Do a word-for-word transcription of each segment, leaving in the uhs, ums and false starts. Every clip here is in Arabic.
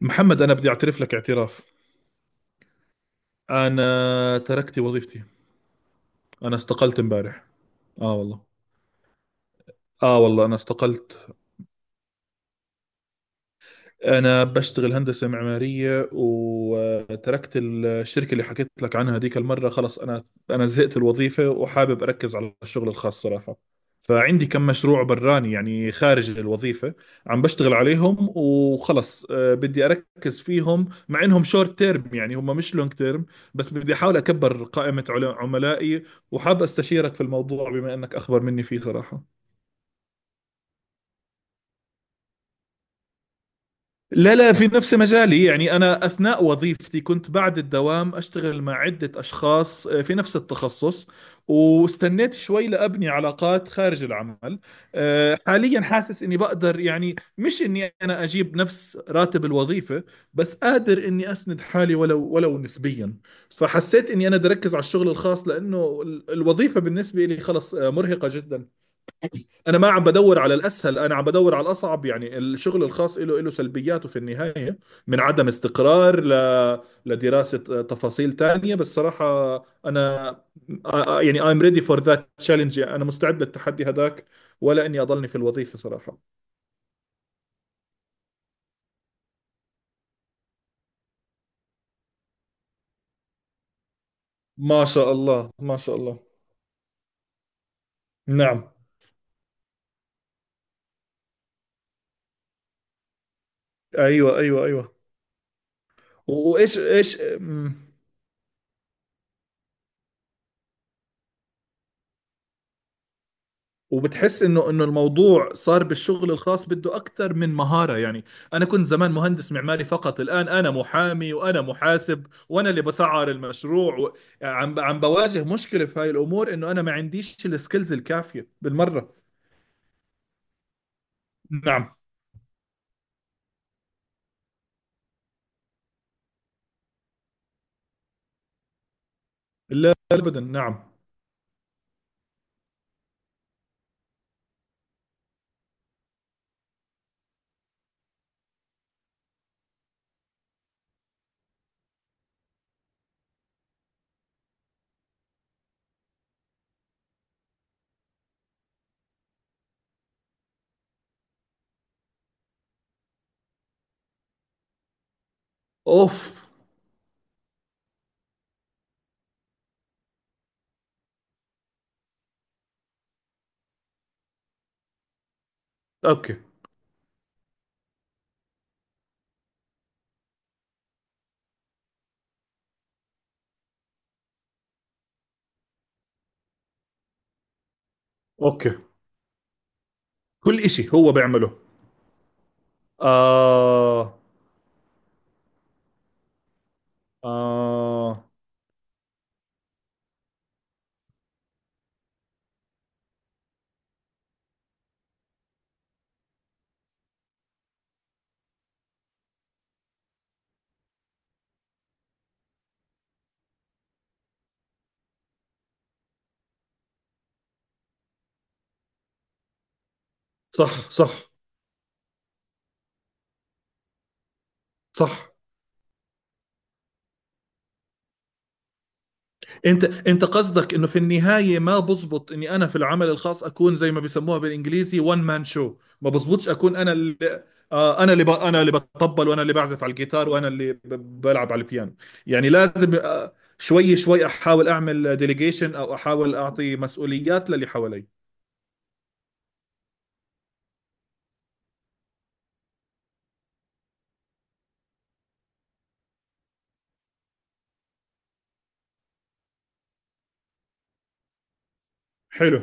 محمد، انا بدي اعترف لك اعتراف. انا تركت وظيفتي. انا استقلت امبارح. اه والله. اه والله انا استقلت. أنا بشتغل هندسة معمارية وتركت الشركة اللي حكيت لك عنها هذيك المرة. خلص أنا أنا زهقت الوظيفة وحابب أركز على الشغل الخاص صراحة. فعندي كم مشروع براني، يعني خارج الوظيفة. عم بشتغل عليهم وخلص، آه، بدي أركز فيهم مع إنهم شورت تيرم، يعني هم مش لونج تيرم. بس بدي أحاول أكبر قائمة عل- عملائي. وحاب أستشيرك في الموضوع بما إنك أخبر مني فيه صراحة. لا، لا، في نفس مجالي. يعني أنا أثناء وظيفتي كنت بعد الدوام أشتغل مع عدة أشخاص، آه، في نفس التخصص. واستنيت شوي لأبني علاقات خارج العمل. أه، حاليا حاسس إني بقدر، يعني مش إني أنا أجيب نفس راتب الوظيفة، بس قادر إني أسند حالي، ولو ولو نسبيا. فحسيت إني أنا بدي أركز على الشغل الخاص، لأنه ال- الوظيفة بالنسبة لي خلص، أه، مرهقة جدا. انا ما عم بدور على الاسهل، انا عم بدور على الاصعب. يعني الشغل الخاص له له سلبياته في النهايه، من عدم استقرار ل... لدراسه تفاصيل تانية. بس صراحه انا آ- آ- يعني I'm ready for that challenge. يعني انا مستعد للتحدي هذاك، ولا اني اضلني في الوظيفه صراحه. ما شاء الله ما شاء الله. نعم. ايوه ايوه ايوه. و- وايش ايش؟ وبتحس انه انه الموضوع صار بالشغل الخاص بده اكثر من مهاره، يعني... انا كنت زمان مهندس معماري فقط. الان انا محامي وانا محاسب وانا اللي بسعر المشروع و... عم عم بواجه مشكله في هاي الامور، انه انا ما عنديش السكيلز الكافيه بالمره. نعم. لا ابدا. نعم. اوف. اوكي. اوكي. كل اشي هو بيعمله. آه. آه، صح صح صح. انت انت قصدك انه في النهايه ما بزبط اني انا في العمل الخاص اكون زي ما بيسموها بالانجليزي وان مان شو. ما بزبطش اكون انا اللي آه انا اللي ب... انا اللي بطبل، وانا اللي بعزف على الجيتار، وانا اللي ب... بلعب على البيانو. يعني لازم آه شوي شوي احاول اعمل ديليجيشن، او احاول اعطي مسؤوليات للي حوالي. حلو.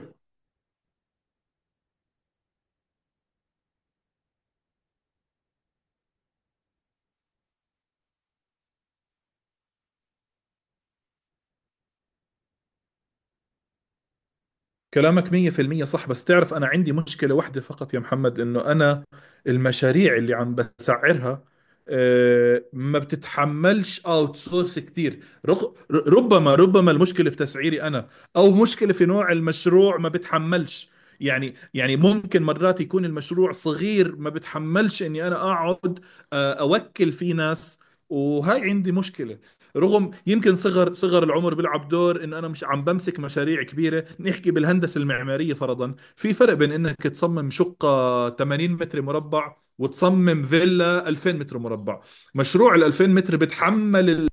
كلامك مية بالمية صح. بس تعرف أنا عندي مشكلة واحدة فقط يا محمد، إنه أنا المشاريع اللي عم بسعرها، آه، ما بتتحملش اوت سورس كتير. رغ- ر- ربما ربما المشكلة في تسعيري أنا، أو مشكلة في نوع المشروع ما بتحملش. يعني يعني ممكن مرات يكون المشروع صغير ما بتحملش إني أنا أقعد، آه، أوكل فيه ناس. وهاي عندي مشكلة. رغم يمكن صغر صغر العمر بيلعب دور، انه انا مش عم بمسك مشاريع كبيره. نحكي بالهندسه المعماريه فرضا، في فرق بين انك تصمم شقه ثمانين متر مربع وتصمم فيلا ألفين متر مربع. مشروع ال ألفين متر بتحمل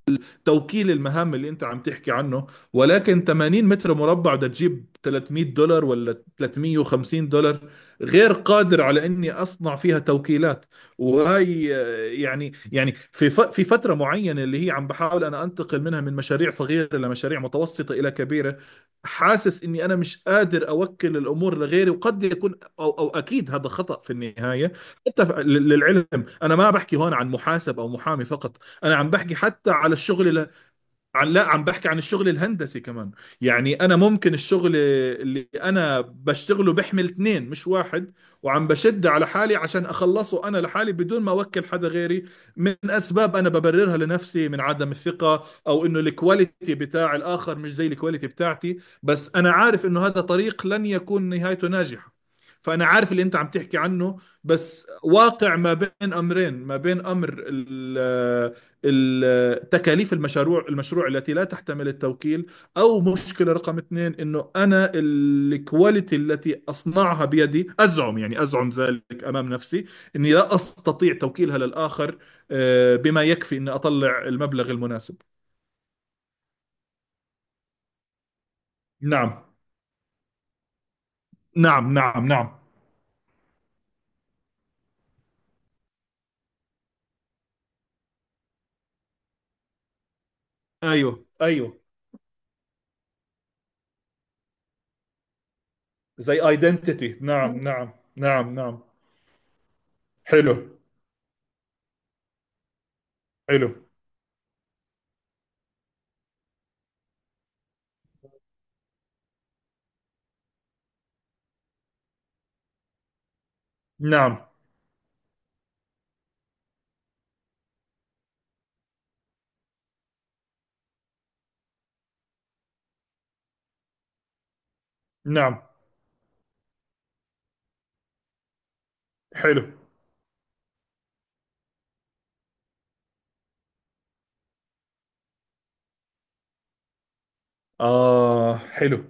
توكيل المهام اللي انت عم تحكي عنه. ولكن ثمانين متر مربع بدها تجيب ثلاثمئة دولار ولا ثلاثمئة وخمسين دولار، غير قادر على اني اصنع فيها توكيلات. وهي... يعني يعني في ف- في فتره معينه اللي هي عم بحاول انا انتقل منها من مشاريع صغيره لمشاريع متوسطه الى كبيره. حاسس اني انا مش قادر اوكل الامور لغيري، وقد يكون او او اكيد هذا خطا في النهايه. حتى ف- لل- للعلم، انا ما بحكي هون عن محاسب او محامي فقط، انا عم بحكي حتى على الشغل. عن لا، عم بحكي عن الشغل الهندسي كمان. يعني انا ممكن الشغل اللي انا بشتغله بحمل اثنين مش واحد، وعم بشد على حالي عشان اخلصه انا لحالي بدون ما اوكل حدا غيري. من اسباب انا ببررها لنفسي، من عدم الثقة، او انه الكواليتي بتاع الاخر مش زي الكواليتي بتاعتي. بس انا عارف انه هذا طريق لن يكون نهايته ناجحة. فأنا عارف اللي أنت عم تحكي عنه. بس واقع ما بين أمرين، ما بين أمر ال- ال- تكاليف المشروع المشروع التي لا تحتمل التوكيل. أو مشكلة رقم اثنين، أنه أنا الكواليتي التي أصنعها بيدي أزعم، يعني أزعم ذلك أمام نفسي أني لا أستطيع توكيلها للآخر آه، بما يكفي أني أطلع المبلغ المناسب. نعم نعم نعم نعم. أيوه أيوه. زي ايدنتيتي. نعم نعم نعم نعم. حلو. حلو. نعم نعم. حلو. آه. حلو.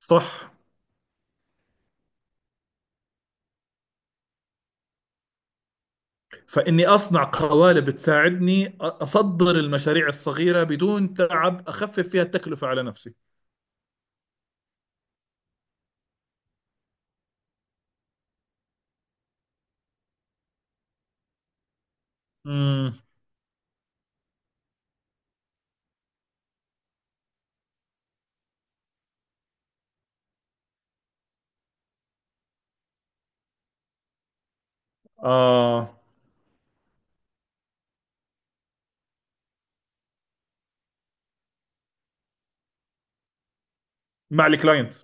صح. فإني أصنع قوالب تساعدني أصدر المشاريع الصغيرة بدون تعب، أخفف فيها التكلفة على نفسي. مم. آه. مع الكلاينت.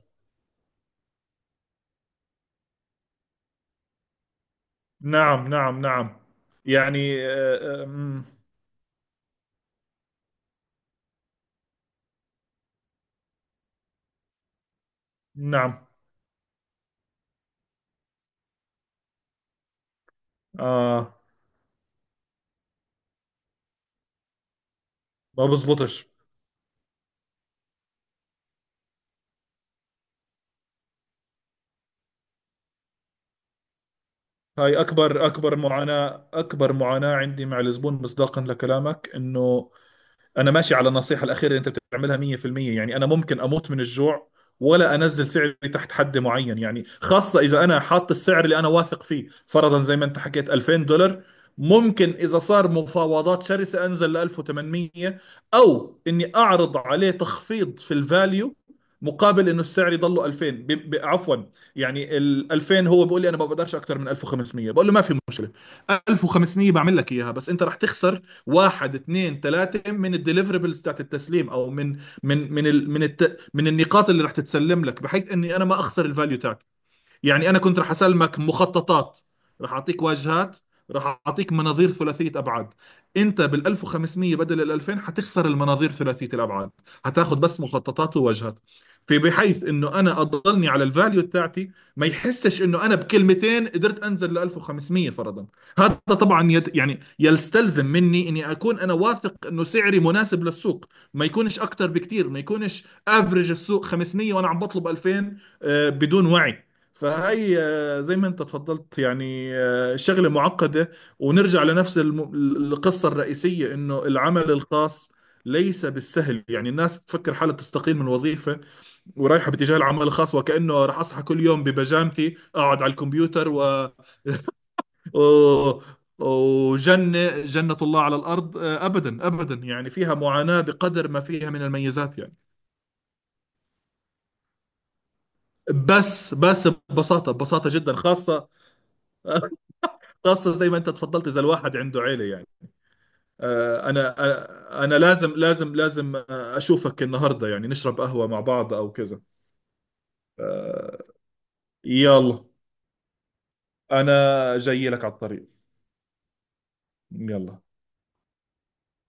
نعم نعم نعم. يعني آه آه، مم، نعم. آه. ما بزبطش. هاي أكبر أكبر معاناة، أكبر معاناة عندي مع الزبون، مصداقا لكلامك إنه انا ماشي على النصيحه الاخيره اللي انت بتعملها مية بالمية. يعني انا ممكن اموت من الجوع ولا انزل سعري تحت حد معين، يعني خاصه اذا انا حاط السعر اللي انا واثق فيه، فرضا زي ما انت حكيت ألفين دولار. ممكن اذا صار مفاوضات شرسه انزل ل ألف وثمان مية، او اني اعرض عليه تخفيض في الفاليو مقابل انه السعر يضله ألفين ب... ب... عفوا. يعني ال ألفين هو بيقول لي انا ما بقدرش اكتر من ألف وخمس مية، بقول له ما في مشكله. ألف وخمس مية بعمل لك اياها، بس انت رح تخسر واحد، اثنين، ثلاثه من الديليفربلز تاعت التسليم، او من من من ال من الت من النقاط اللي رح تتسلم لك، بحيث اني انا ما اخسر الفاليو تاعتي. يعني انا كنت رح اسلمك مخططات، رح اعطيك واجهات، رح اعطيك مناظير ثلاثيه ابعاد. انت بال ألف وخمس مية بدل ال ألفين حتخسر المناظير ثلاثيه الابعاد، حتاخذ بس مخططات وواجهات. في بحيث انه انا اضلني على الفاليو تاعتي، ما يحسش انه انا بكلمتين قدرت انزل ل ألف وخمس مية فرضا. هذا طبعا يد يعني يستلزم مني اني اكون انا واثق انه سعري مناسب للسوق، ما يكونش اكتر بكتير، ما يكونش افرج السوق خمس مية وانا عم بطلب ألفين، آه، بدون وعي. فهي آه، زي ما انت اتفضلت، يعني آه، شغلة معقدة. ونرجع لنفس الم- القصة الرئيسية، انه العمل الخاص ليس بالسهل. يعني الناس بتفكر حالها تستقيل من وظيفة ورايحة باتجاه العمل الخاص وكأنه راح أصحى كل يوم ببجامتي أقعد على الكمبيوتر و... و- وجنة جنة الله على الأرض. آه، أبدا أبدا، يعني فيها معاناة بقدر ما فيها من الميزات يعني. بس بس ببساطة، ببساطة جدا، خاصة. خاصة زي ما أنت تفضلت، إذا الواحد عنده عيلة يعني. آه، أنا آه، أنا لازم لازم لازم آه، أشوفك النهاردة، يعني نشرب قهوة مع بعض أو كذا. يلا. أنا جاي لك على الطريق. يلا.